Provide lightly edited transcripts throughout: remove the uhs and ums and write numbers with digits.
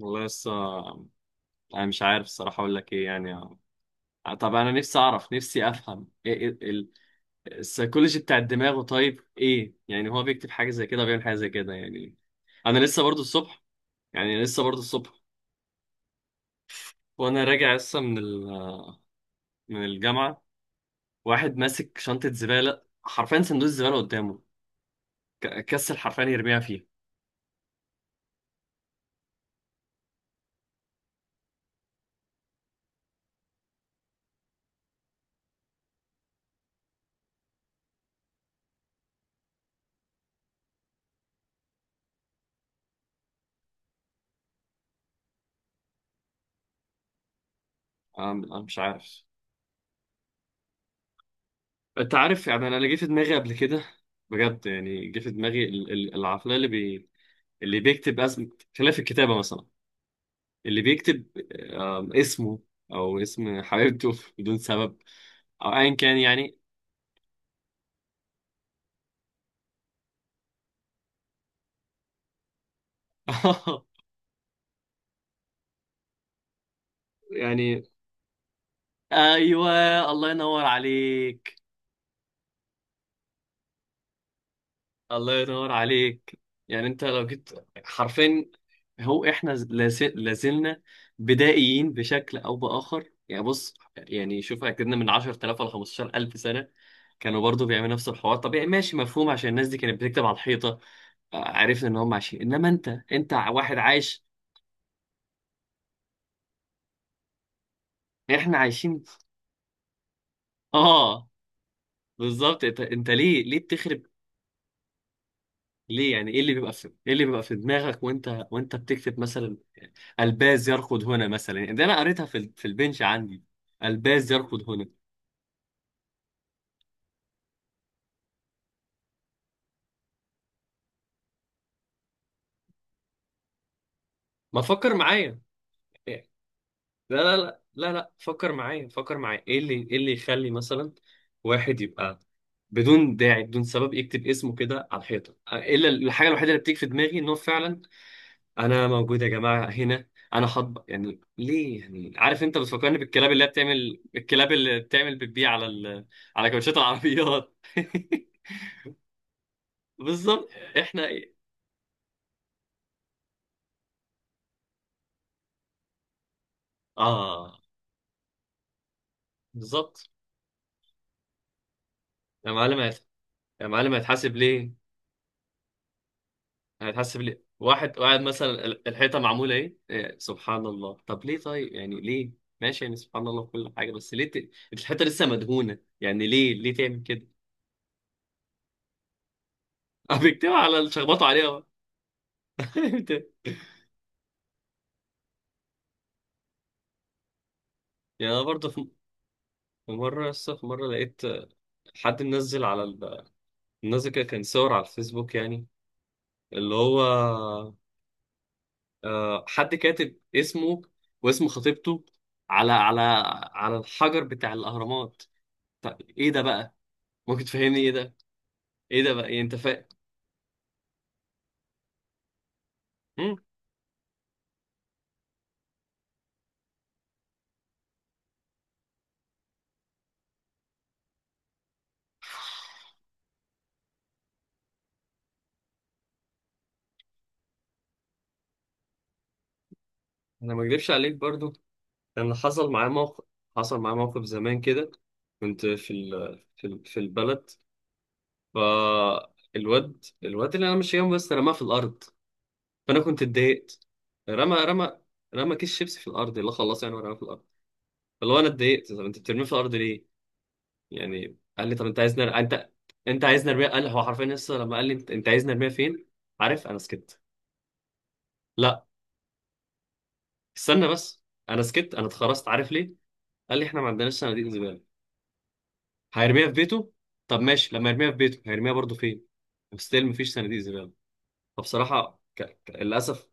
والله لسه. انا مش عارف الصراحه اقول لك ايه يعني. طب انا نفسي اعرف، نفسي افهم السيكولوجي بتاع الدماغ. طيب ايه يعني؟ هو بيكتب حاجه زي كده، بيعمل حاجه زي كده يعني. انا لسه برضو الصبح، يعني لسه برضو الصبح، وانا راجع لسه من من الجامعه. واحد ماسك شنطه زباله، حرفيا صندوق الزباله قدامه، كسل حرفيا يرميها فيه. انا مش عارف. انت عارف؟ يعني انا جه في دماغي قبل كده، بجد يعني جه في دماغي العقليه اللي، اللي بيكتب اسم، خلاف الكتابة مثلا، اللي بيكتب اسمه او اسم حبيبته بدون سبب، او ايا كان يعني. يعني ايوه، الله ينور عليك. الله ينور عليك. يعني انت لو جيت حرفين، هو احنا لازلنا بدائيين بشكل او باخر. يعني بص يعني شوف، اكدنا من 10,000 ل 15,000 سنة كانوا برضو بيعملوا نفس الحوار. طبيعي ماشي مفهوم عشان الناس دي كانت بتكتب على الحيطة. عرفنا ان هم عايشين، انما انت واحد عايش. احنا عايشين. اه بالظبط. انت ليه، ليه بتخرب؟ ليه يعني؟ ايه اللي بيبقى في، ايه اللي بيبقى في دماغك وانت بتكتب مثلا الباز يركض هنا؟ مثلا يعني ده انا قريتها في في البنش عندي، الباز يركض هنا. ما تفكر معايا. لا لا لا لا لا، فكر معايا، فكر معايا، ايه اللي يخلي مثلا واحد يبقى بدون داعي، بدون سبب، يكتب اسمه كده على الحيطه؟ الا الحاجه الوحيده اللي بتيجي في دماغي ان هو فعلا انا موجود يا جماعه هنا، انا هطبق. يعني ليه؟ يعني عارف، انت بتفكرني بالكلاب اللي هي بتعمل، الكلاب اللي بتعمل بتبيع على على كاوتشات العربيات. بالظبط. احنا ايه؟ اه بالظبط. يا معلم هت- يا معلم هيتحاسب ليه؟ هتحس بليه؟ واحد قاعد مثلا الحيطه معموله ايه، سبحان الله، طب ليه؟ طيب يعني ليه؟ ماشي يعني سبحان الله في كل حاجه، بس ليه الحيطه لسه مدهونه يعني، ليه، ليه تعمل كده؟ بيكتبوا على اللي شخبطوا عليها بقى. بت- يعني انا برضه، في، في مره لسه في مره لقيت حد منزل على منزل كده كان صور على الفيسبوك يعني، اللي هو حد كاتب اسمه واسم خطيبته على على الحجر بتاع الاهرامات. طب ايه ده بقى؟ ممكن تفهمني ايه ده؟ ايه ده بقى؟ يعني انت فاهم. مم. انا ما اكدبش عليك برضو. انا حصل معايا موقف زمان كده. كنت في في البلد، فالواد، الواد اللي انا ماشي جنبه بس رماه في الارض. فانا كنت اتضايقت. رمى رمى كيس شيبسي في الارض، اللي خلاص يعني، ورماه في الارض. فاللي هو انا اتضايقت، طب انت بترميه في الارض ليه؟ يعني قال لي طب انت عايز انت، انت عايز نرميه. قال هو حرفيا لسه لما قال لي انت، انت عايز نرميه فين. عارف، انا سكت. لا، استنى بس. انا سكت، انا اتخرجت. عارف ليه؟ قال لي احنا ما عندناش صناديق زباله، هيرميها في بيته. طب ماشي، لما يرميها في بيته هيرميها برضه فين؟ ستيل مفيش صناديق زباله. فبصراحه للاسف.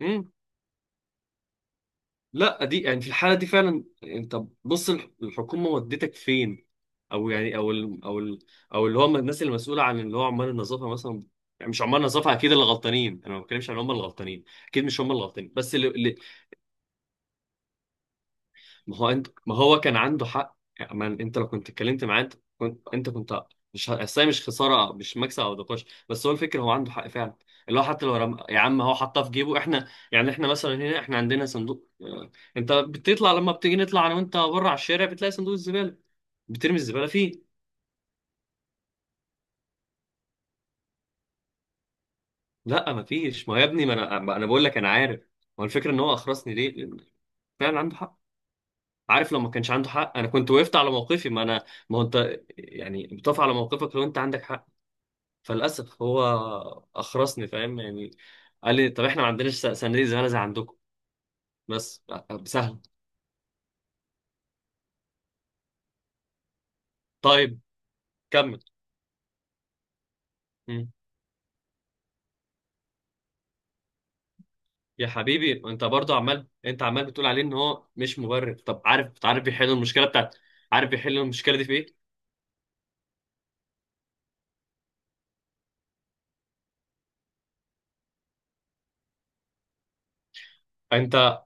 مم. لا دي يعني في الحاله دي فعلا انت بص، الحكومه ودتك فين، او يعني، او اللي هم الناس المسؤوله عن اللي هو عمال النظافه مثلا. يعني مش عمال النظافه اكيد اللي غلطانين، انا ما بتكلمش عن هم اللي غلطانين، اكيد مش هم اللي غلطانين، بس اللي، ما هو كان عنده حق يعني. ما انت لو كنت اتكلمت معاه، انت كنت، انت كنت مش ه- اصل هي مش خساره مش مكسب او نقاش، بس هو الفكره، هو عنده حق فعلا. اللي هو حتى لو يا عم هو حطها في جيبه. احنا يعني، احنا مثلا هنا احنا عندنا صندوق، انت بتطلع لما بتيجي نطلع انا وانت بره على الشارع بتلاقي صندوق الزباله، بترمي الزباله فيه. لا ما فيش. ما هو يا ابني، ما انا بقول لك، انا عارف. ما هو الفكره ان هو اخرسني ليه، لأن فعلا عنده حق. عارف، لو ما كانش عنده حق انا كنت وقفت على موقفي. ما انا ما هو انت يعني بتقف على موقفك لو انت عندك حق. فللاسف هو اخرسني، فاهم يعني. قال لي طب احنا ما عندناش صناديق زباله زي عندكم. بس. سهل. طيب كمل. مم. يا حبيبي انت برضو عمال، انت عمال بتقول عليه ان هو مش مبرر. طب عارف بيحل المشكله بتاعت، عارف بيحل المشكله دي في ايه؟ انت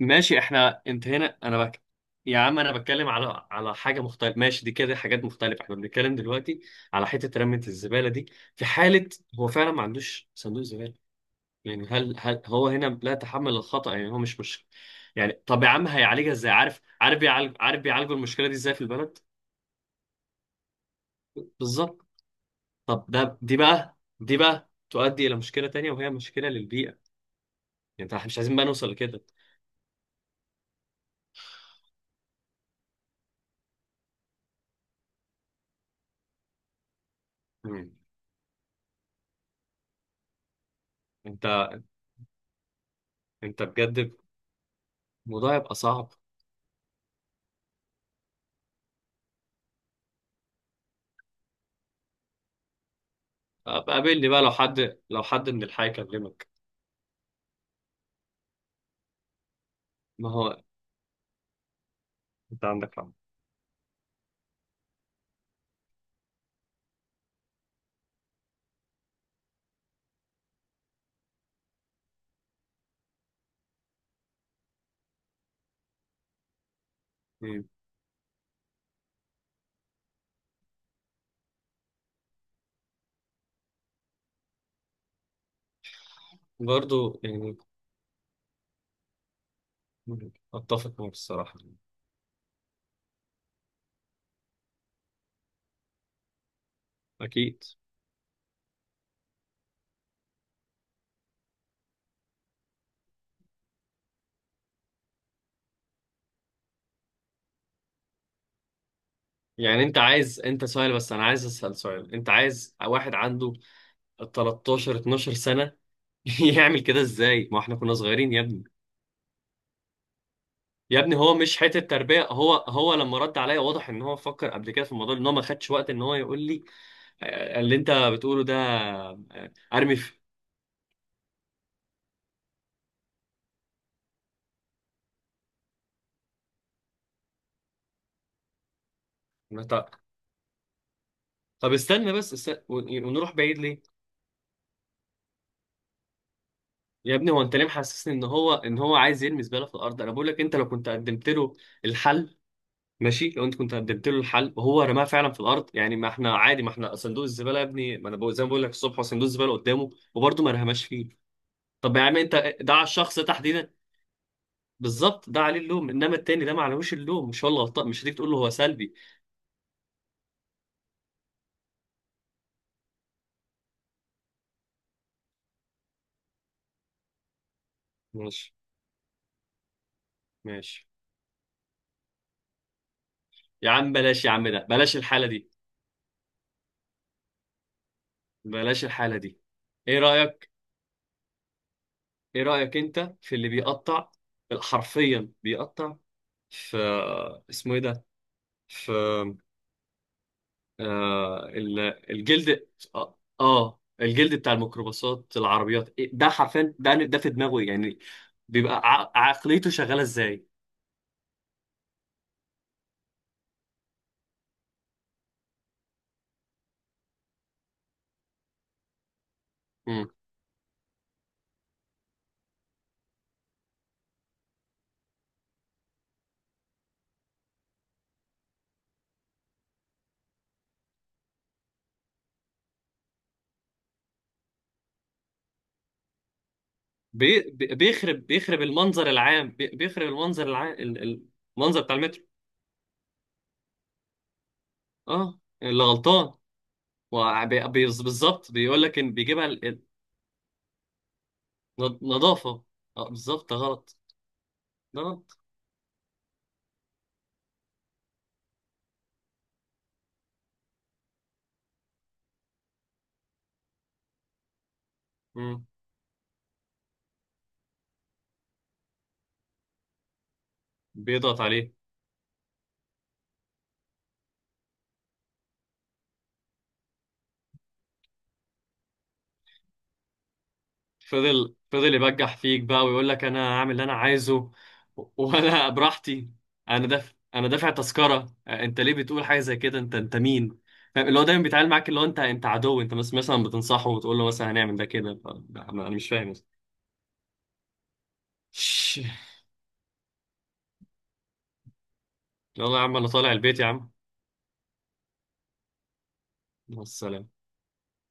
ماشي، احنا انت هنا انا بك. يا عم انا بتكلم على حاجه مختلفه، ماشي دي كده حاجات مختلفه. احنا بنتكلم دلوقتي على حته رميه الزباله دي في حاله هو فعلا ما عندوش صندوق زباله. يعني هل هو هنا لا يتحمل الخطأ؟ يعني هو مش يعني. طب يا عم هيعالجها ازاي؟ عارف بيعالجوا المشكلة دي ازاي في البلد. بالظبط. طب ده دي بقى دي بقى تؤدي إلى مشكلة تانية، وهي مشكلة للبيئة. يعني احنا مش عايزين بقى نوصل لكده. مم. انت انت بجد الموضوع يبقى صعب. أبقى قابلني بقى لو حد لو حد من الحي كلمك. ما هو انت عندك حق. مم. برضو يعني. مم. اتفق معك الصراحة. اكيد. يعني انت عايز، انت سؤال، بس انا عايز اسال سؤال، انت عايز واحد عنده 13 12 سنه يعمل كده ازاي؟ ما احنا كنا صغيرين يا ابني. يا ابني هو مش حته تربيه. هو لما رد عليا واضح ان هو فكر قبل كده في الموضوع، ان هو ما خدش وقت ان هو يقول لي اللي انت بتقوله ده ارمي في. طب طب استنى بس، ونروح بعيد ليه؟ يا ابني هو انت ليه محسسني ان هو، ان هو عايز يرمي زباله في الارض؟ انا بقول لك انت لو كنت قدمت له الحل، ماشي لو انت كنت قدمت له الحل وهو رماها فعلا في الارض يعني ما احنا عادي. ما احنا صندوق الزباله يا ابني، ما انا بقول- زي ما بقول لك الصبح، هو صندوق الزباله قدامه وبرضه ما رماش فيه. طب يا عم، انت ده على الشخص ده تحديدا. بالظبط ده عليه اللوم، انما التاني ده ما عليهوش اللوم، مش هو اللي غلطان، مش هتيجي تقول له هو سلبي. ماشي، ماشي يا عم. بلاش يا عم، ده بلاش الحاله دي. بلاش الحاله دي. ايه رايك؟ ايه رايك انت في اللي بيقطع، حرفيا بيقطع، في، اسمه ايه ده، في، آه ال- الجلد، اه الجلد بتاع الميكروباصات، العربيات، ده حرفيا، ده في دماغه يعني، بيبقى عقليته شغاله ازاي؟ مم. بيخرب المنظر العام، بيخرب المنظر العام، المنظر بتاع المترو. اه، اللي غلطان. بالظبط بيقول لك ان بيجيبها نظافه. اه بالظبط، ده غلط. ده غلط. مم. بيضغط عليه. فضل يبجح فيك بقى، ويقول لك انا هعمل اللي انا عايزه. وانا براحتي. انا دافع انا دافع تذكره. انت ليه بتقول حاجه زي كده؟ انت مين؟ فاهم اللي هو دايما بيتعامل معاك اللي هو انت، انت عدو، انت بس مثلا بتنصحه وتقول له مثلا هنعمل ده كده، انا مش فاهم. ش- يلا يا عم انا طالع البيت يا عم، والسلام.